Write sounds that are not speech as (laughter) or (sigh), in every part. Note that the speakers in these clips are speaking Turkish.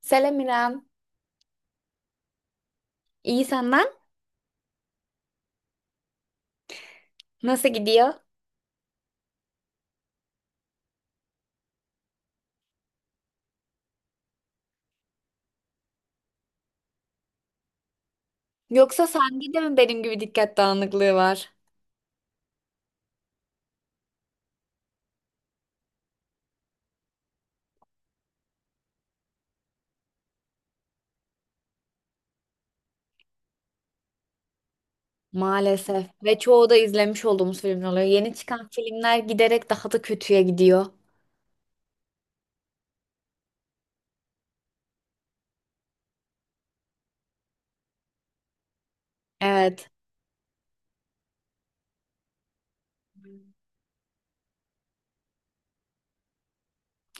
Selam İrem. İyi senden? Nasıl gidiyor? Yoksa sende de mi benim gibi dikkat dağınıklığı var? Maalesef. Ve çoğu da izlemiş olduğumuz filmler oluyor. Yeni çıkan filmler giderek daha da kötüye gidiyor. Evet.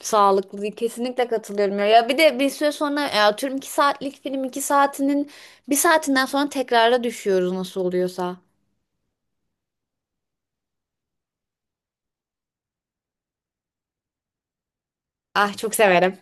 Sağlıklı değil. Kesinlikle katılıyorum. Ya, bir de bir süre sonra ya, atıyorum 2 saatlik film 2 saatinin bir saatinden sonra tekrara düşüyoruz nasıl oluyorsa. Ah, çok severim.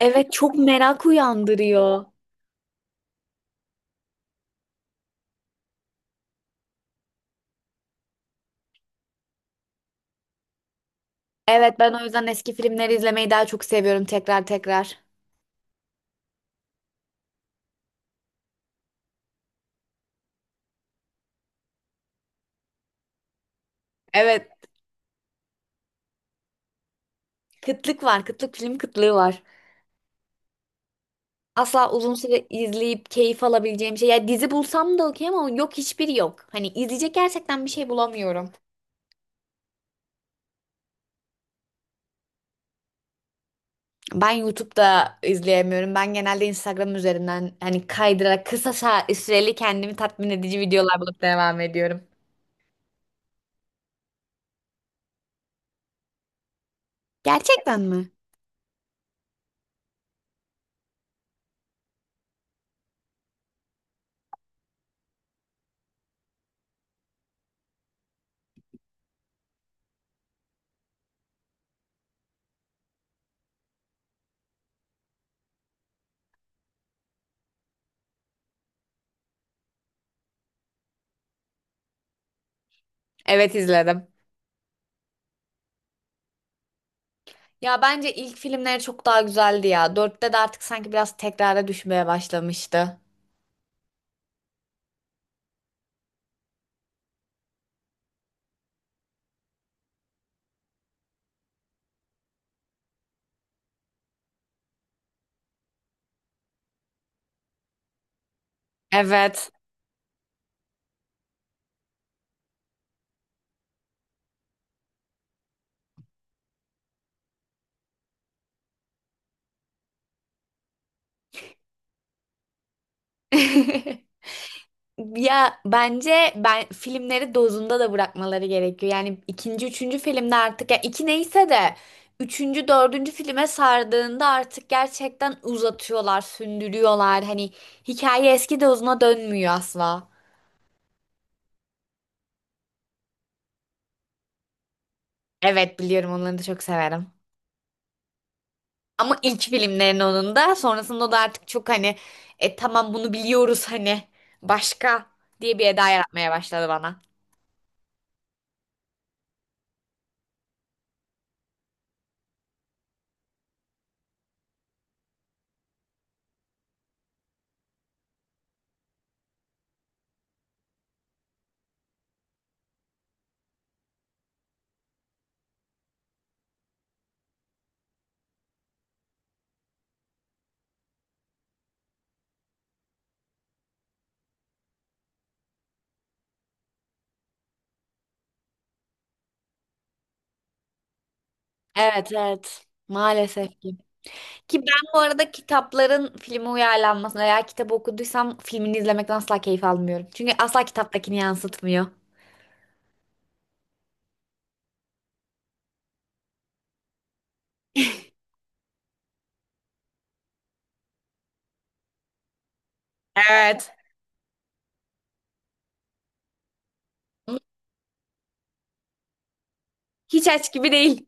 Evet, çok merak uyandırıyor. Evet, ben o yüzden eski filmleri izlemeyi daha çok seviyorum tekrar tekrar. Evet. Kıtlık var. Kıtlık, film kıtlığı var. Asla uzun süre izleyip keyif alabileceğim şey. Ya dizi bulsam da okey ama yok, hiçbiri yok. Hani izleyecek gerçekten bir şey bulamıyorum. Ben YouTube'da izleyemiyorum. Ben genelde Instagram üzerinden hani kaydırarak kısa sa- süreli kendimi tatmin edici videolar bulup devam ediyorum. Gerçekten mi? Evet, izledim. Ya bence ilk filmleri çok daha güzeldi ya. Dörtte de artık sanki biraz tekrara düşmeye başlamıştı. Evet. (laughs) Ya bence ben filmleri dozunda da bırakmaları gerekiyor. Yani ikinci, üçüncü filmde artık ya iki neyse de üçüncü, dördüncü filme sardığında artık gerçekten uzatıyorlar, sündürüyorlar. Hani hikaye eski dozuna dönmüyor asla. Evet, biliyorum, onları da çok severim. Ama ilk filmlerin onun da sonrasında da artık çok hani, tamam bunu biliyoruz, hani başka, diye bir eda yaratmaya başladı bana. Evet evet, maalesef. Ki ben bu arada kitapların filme uyarlanmasını veya kitabı okuduysam filmini izlemekten asla keyif almıyorum. Çünkü asla kitaptakini yansıtmıyor. Evet. Hiç aç gibi değil.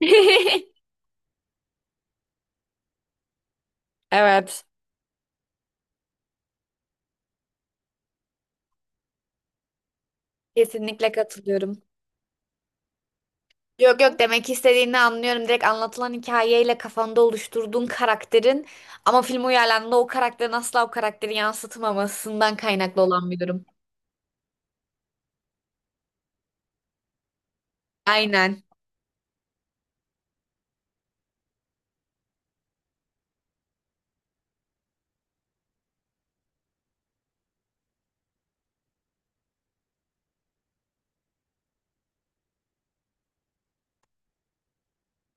(laughs) Evet. Kesinlikle katılıyorum. Yok yok, demek istediğini anlıyorum. Direkt anlatılan hikayeyle kafanda oluşturduğun karakterin ama film uyarlandığında o karakterin asla o karakteri yansıtmamasından kaynaklı olan bir durum. Aynen.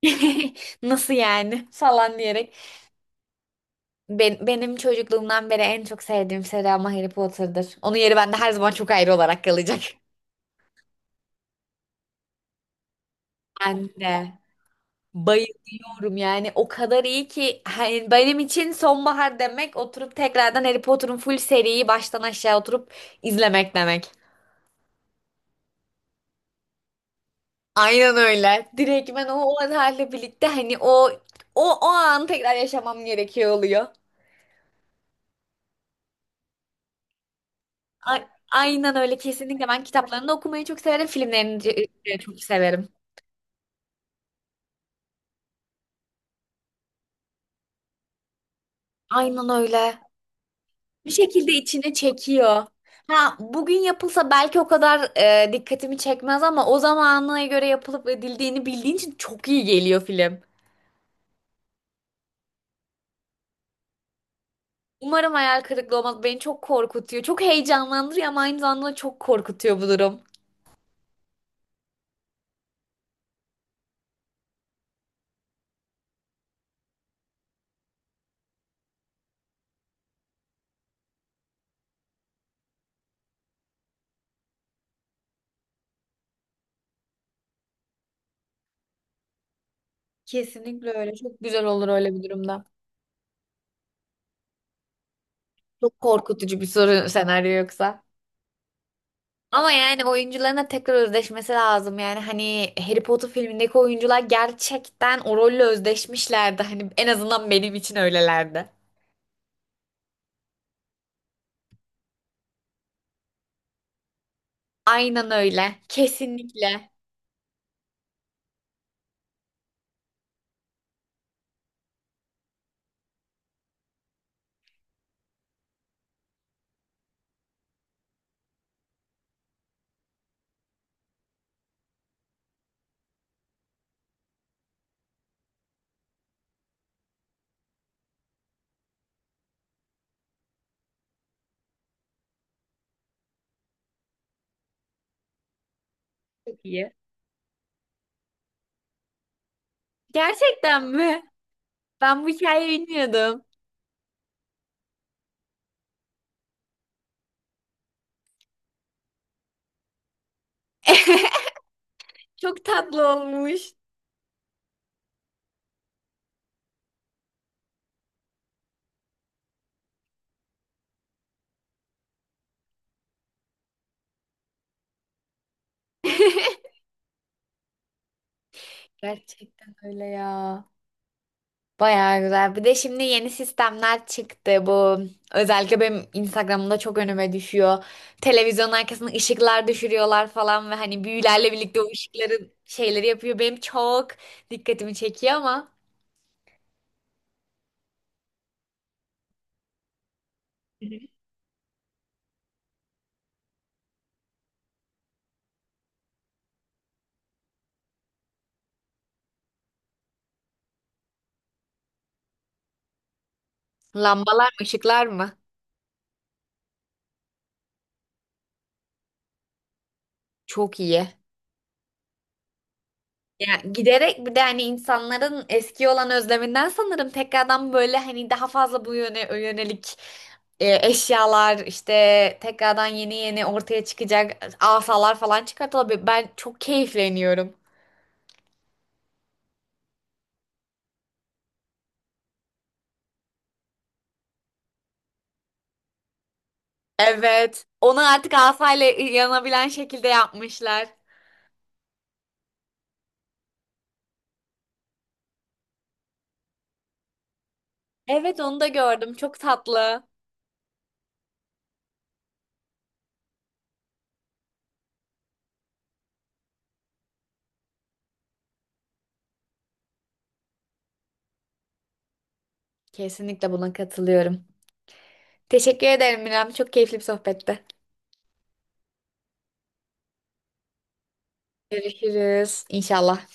(laughs) Nasıl yani falan diyerek. Benim çocukluğumdan beri en çok sevdiğim seri ama Harry Potter'dır. Onun yeri bende her zaman çok ayrı olarak kalacak. Ben de bayılıyorum, yani o kadar iyi ki hani benim için sonbahar demek, oturup tekrardan Harry Potter'ın full seriyi baştan aşağı oturup izlemek demek. Aynen öyle. Direkt ben o, o halde birlikte hani o anı tekrar yaşamam gerekiyor oluyor. A- aynen öyle, kesinlikle, ben kitaplarını da okumayı çok severim, filmlerini de çok severim. Aynen öyle. Bir şekilde içine çekiyor. Ha, bugün yapılsa belki o kadar dikkatimi çekmez ama o zamana göre yapılıp edildiğini bildiğin için çok iyi geliyor film. Umarım hayal kırıklığı olmaz. Beni çok korkutuyor. Çok heyecanlandırıyor ama aynı zamanda çok korkutuyor bu durum. Kesinlikle öyle. Çok güzel olur öyle bir durumda. Çok korkutucu bir soru senaryo yoksa. Ama yani oyuncuların da tekrar özdeşmesi lazım. Yani hani Harry Potter filmindeki oyuncular gerçekten o rolle özdeşmişlerdi. Hani en azından benim için öylelerdi. Aynen öyle. Kesinlikle. Çok iyi. Gerçekten mi? Ben bu hikayeyi bilmiyordum. (laughs) Çok tatlı olmuş. (laughs) Gerçekten öyle ya. Bayağı güzel. Bir de şimdi yeni sistemler çıktı. Bu özellikle benim Instagram'da çok önüme düşüyor. Televizyonun arkasına ışıklar düşürüyorlar falan ve hani büyülerle birlikte o ışıkların şeyleri yapıyor. Benim çok dikkatimi çekiyor ama lambalar mı, ışıklar mı? Çok iyi. Ya giderek bir de hani insanların eski olan özleminden sanırım tekrardan böyle hani daha fazla bu yöne yönelik eşyalar işte tekrardan yeni yeni ortaya çıkacak, asalar falan çıkartılabilir. Ben çok keyifleniyorum. Evet. Onu artık asayla yanabilen şekilde yapmışlar. Evet, onu da gördüm. Çok tatlı. Kesinlikle buna katılıyorum. Teşekkür ederim Miram. Çok keyifli bir sohbetti. Görüşürüz. İnşallah.